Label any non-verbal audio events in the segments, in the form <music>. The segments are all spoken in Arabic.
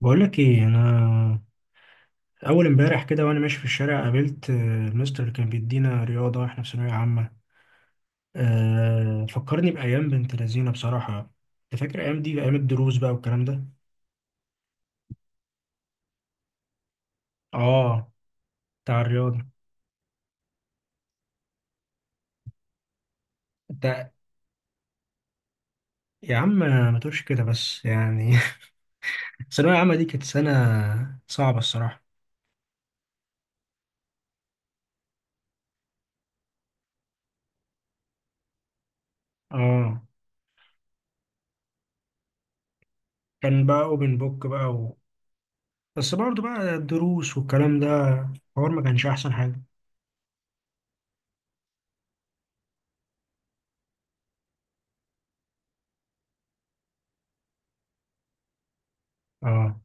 بقولك ايه انا. اول امبارح كده وانا ماشي في الشارع قابلت المستر اللي كان بيدينا رياضه واحنا في ثانويه عامه. فكرني بايام بنت لذينه بصراحه. انت فاكر الايام دي، ايام الدروس بقى والكلام ده؟ اه. بتاع الرياضه. انت يا عم ما تقولش كده بس يعني <laughs> الثانويه العامه دي كانت سنه صعبه الصراحه. اه. كان بقى اوبن بوك بقى بس برضه بقى الدروس والكلام ده. الحوار ما كانش احسن حاجه. اه.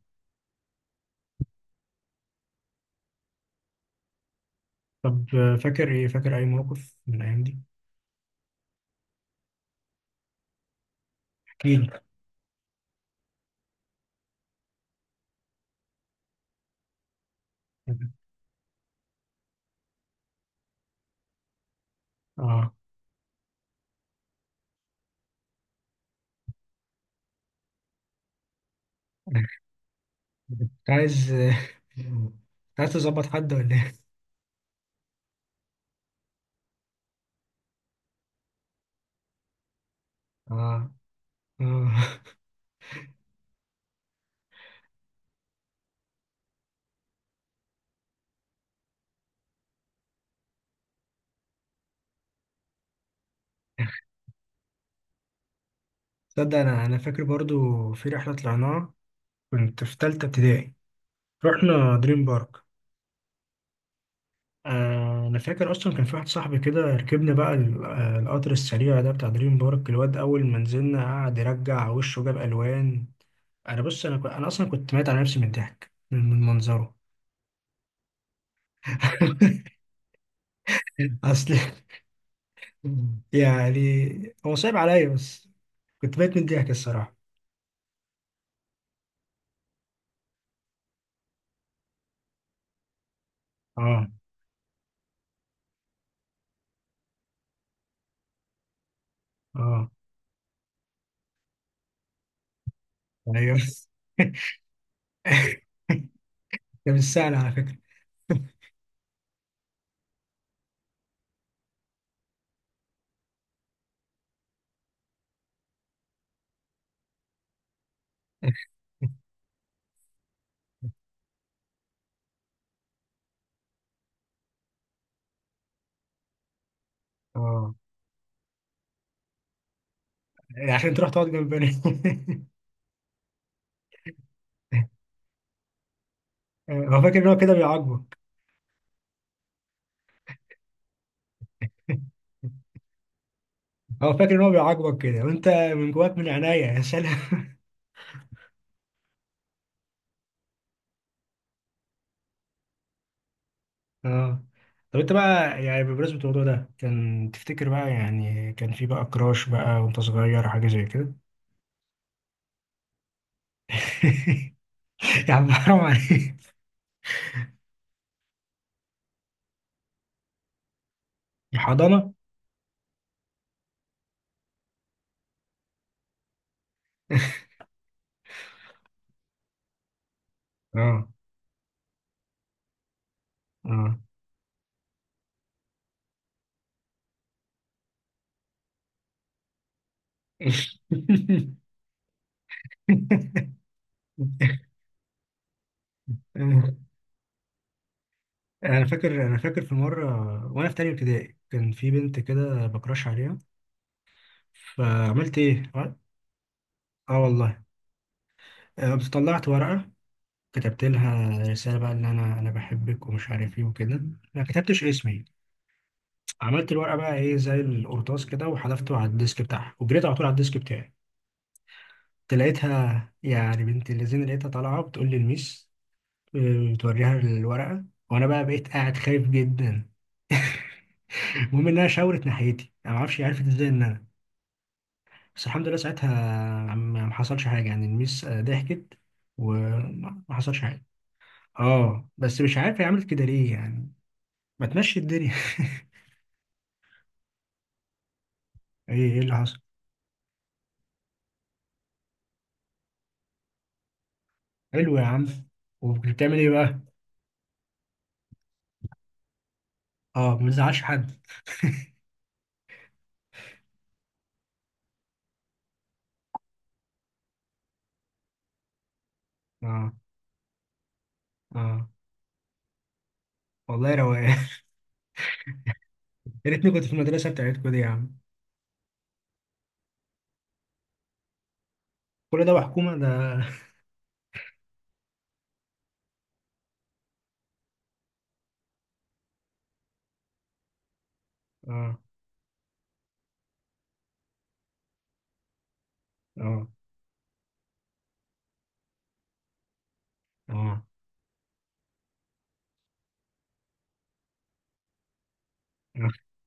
طب فاكر ايه، فاكر اي موقف من الايام دي؟ اه. كنت عايز كنت عايز تظبط حد ولا ايه؟ <laughs> اه. اه. تصدق انا فاكر برضو في رحلة طلعناها. كنت في تالتة ابتدائي. رحنا دريم بارك. آه، انا فاكر اصلا كان في واحد صاحبي كده. ركبنا بقى القطر السريع ده بتاع دريم بارك. الواد اول ما نزلنا قعد يرجع وشه جاب الوان. انا بص انا اصلا كنت ميت على نفسي من الضحك من منظره. <laughs> اصل يعني هو صعب عليا بس كنت بقيت من الضحك الصراحة. اه. اه. ايوه. <laughs> ده مش سهل على فكرة. <laughs> اه. عشان تروح تقعد جنب بني. <laughs> هو فاكر ان هو كده بيعاقبك. هو فاكر ان هو بيعاقبك كده وانت من جواك من عينيا يا سلام. اه. طب انت بقى يعني بمناسبة الموضوع ده، كان تفتكر بقى يعني كان في بقى كراش بقى وانت صغير حاجة زي كده؟ <laughs> يا عم حرام عليك. الحضانة؟ اه. اه. <laughs> انا انا فاكر في مره وانا في تانية ابتدائي كان في بنت كده بكراش عليها. فعملت ايه؟ اه. آه والله. قمت طلعت ورقه. كتبت لها رساله بقى ان انا بحبك ومش عارف ايه وكده. ما كتبتش اسمي. عملت الورقه بقى ايه زي القرطاس كده، وحذفته على الديسك بتاعها، وجريت على طول على الديسك بتاعي. لقيتها يعني بنت اللذين لقيتها طالعه بتقول لي الميس. بتوريها الورقه. وانا بقى بقيت قاعد خايف جدا. <laughs> المهم انها شاورت ناحيتي، انا ما اعرفش عرفت ازاي ان انا. بس الحمد لله ساعتها ما ما حصلش حاجه، يعني الميس ضحكت وما ما حصلش حاجه. اه بس مش عارف هي عملت كده ليه يعني. ما تمشي الدنيا. <laughs> ايه اللي حصل؟ حلو يا عم. وكنت بتعمل ايه بقى؟ اه. ما بتزعلش حد. اه. اه والله روقان. <laughs> يا ريتني كنت في المدرسه بتاعتكم دي يا عم. كل ده وحكومه ده؟ <laughs> اه. اه. اه. <laughs>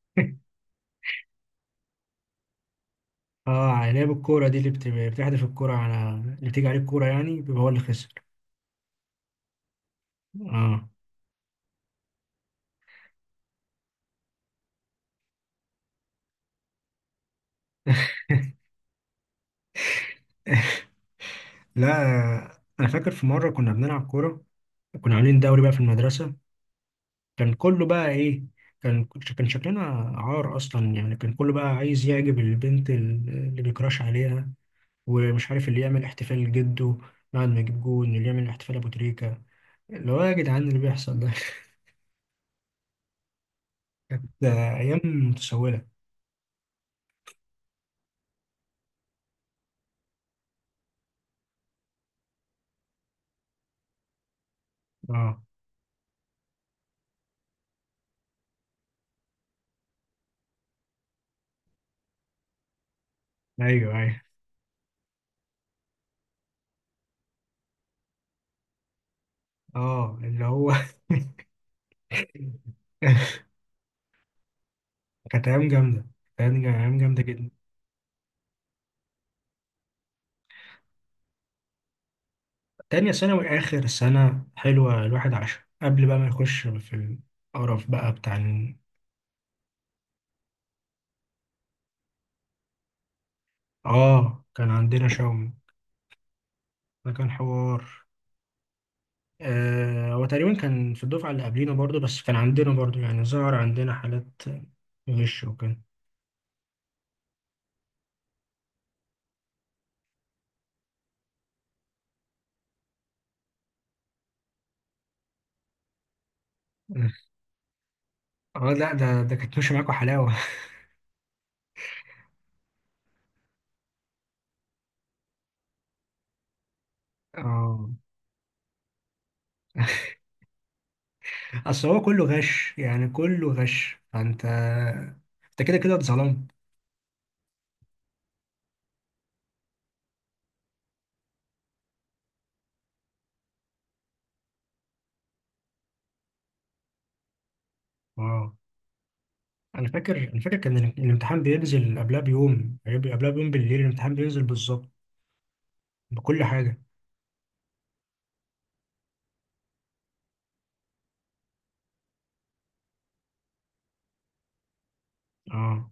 اه. لعب الكوره دي اللي بتحدف الكوره على اللي بتيجي عليه الكوره، يعني بيبقى هو اللي خسر. اه. <laughs> لا. انا فاكر في مره كنا بنلعب كوره. كنا عاملين دوري بقى في المدرسه. كان كله بقى ايه. كان كان شكلنا عار اصلا، يعني كان كله بقى عايز يعجب البنت اللي بيكراش عليها. ومش عارف اللي يعمل احتفال جده بعد ما يجيب جون، اللي يعمل احتفال ابو تريكه، اللي هو يا جدعان اللي بيحصل ده. <laughs> كانت ايام متسوله. اه. ايوه. ايوه. اه اللي هو <laughs> كانت ايام جامده، كانت ايام جامده جدا. تانية ثانوي آخر سنة حلوة الواحد عاشها قبل بقى ما يخش في القرف بقى آه، كان عندنا شوم. ده كان حوار. آه هو تقريبا كان في الدفعة اللي قبلينا برضو، بس كان عندنا برضو يعني ظهر عندنا حالات غش وكده. اه. لا ده كانت ماشية معاكوا حلاوة. <laughs> اه. اصل هو كله غش، يعني كله غش، فانت انت كده كده اتظلمت. اه. انا فاكر كان الامتحان بينزل قبلها بيوم، بيبقى قبلها بيوم بالليل الامتحان بينزل بالظبط بكل حاجه. اه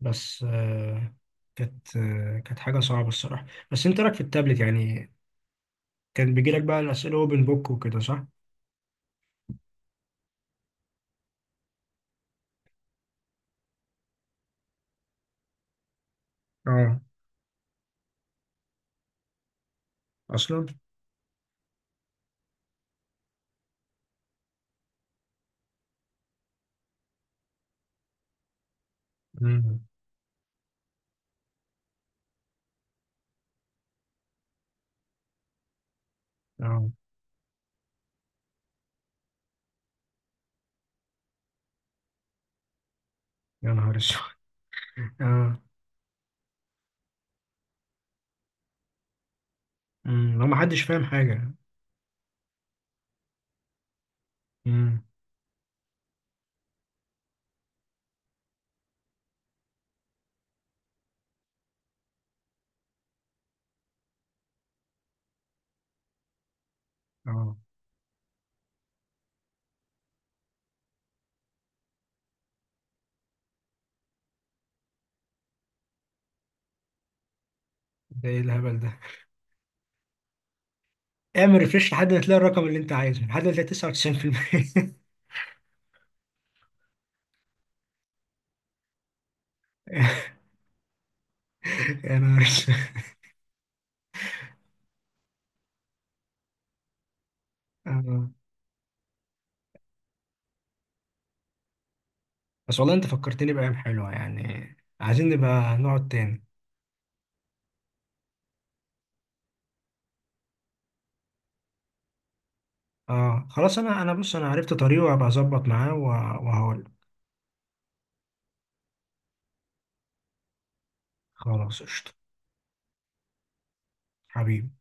بس كانت كانت حاجه صعبه الصراحه. بس انت إيه رايك في التابلت يعني؟ كان بيجي لك بقى الاسئله اوبن بوك وكده صح؟ اه اصلا. امم. اه. يا نهار اسود. <laughs> اه. لو ما حدش فاهم حاجه. امم. اه. ده ايه الهبل ده؟ اعمل ريفريش لحد ما تلاقي الرقم اللي انت عايزه لحد ما تلاقي 99%. <laughs> يا نهار اسود. آه. بس والله انت فكرتني بأيام حلوة يعني. عايزين نبقى نقعد تاني. اه. خلاص انا بص انا عرفت طريقه وهبقى اظبط معاه وهقول. خلاص قشطة. حبيبي.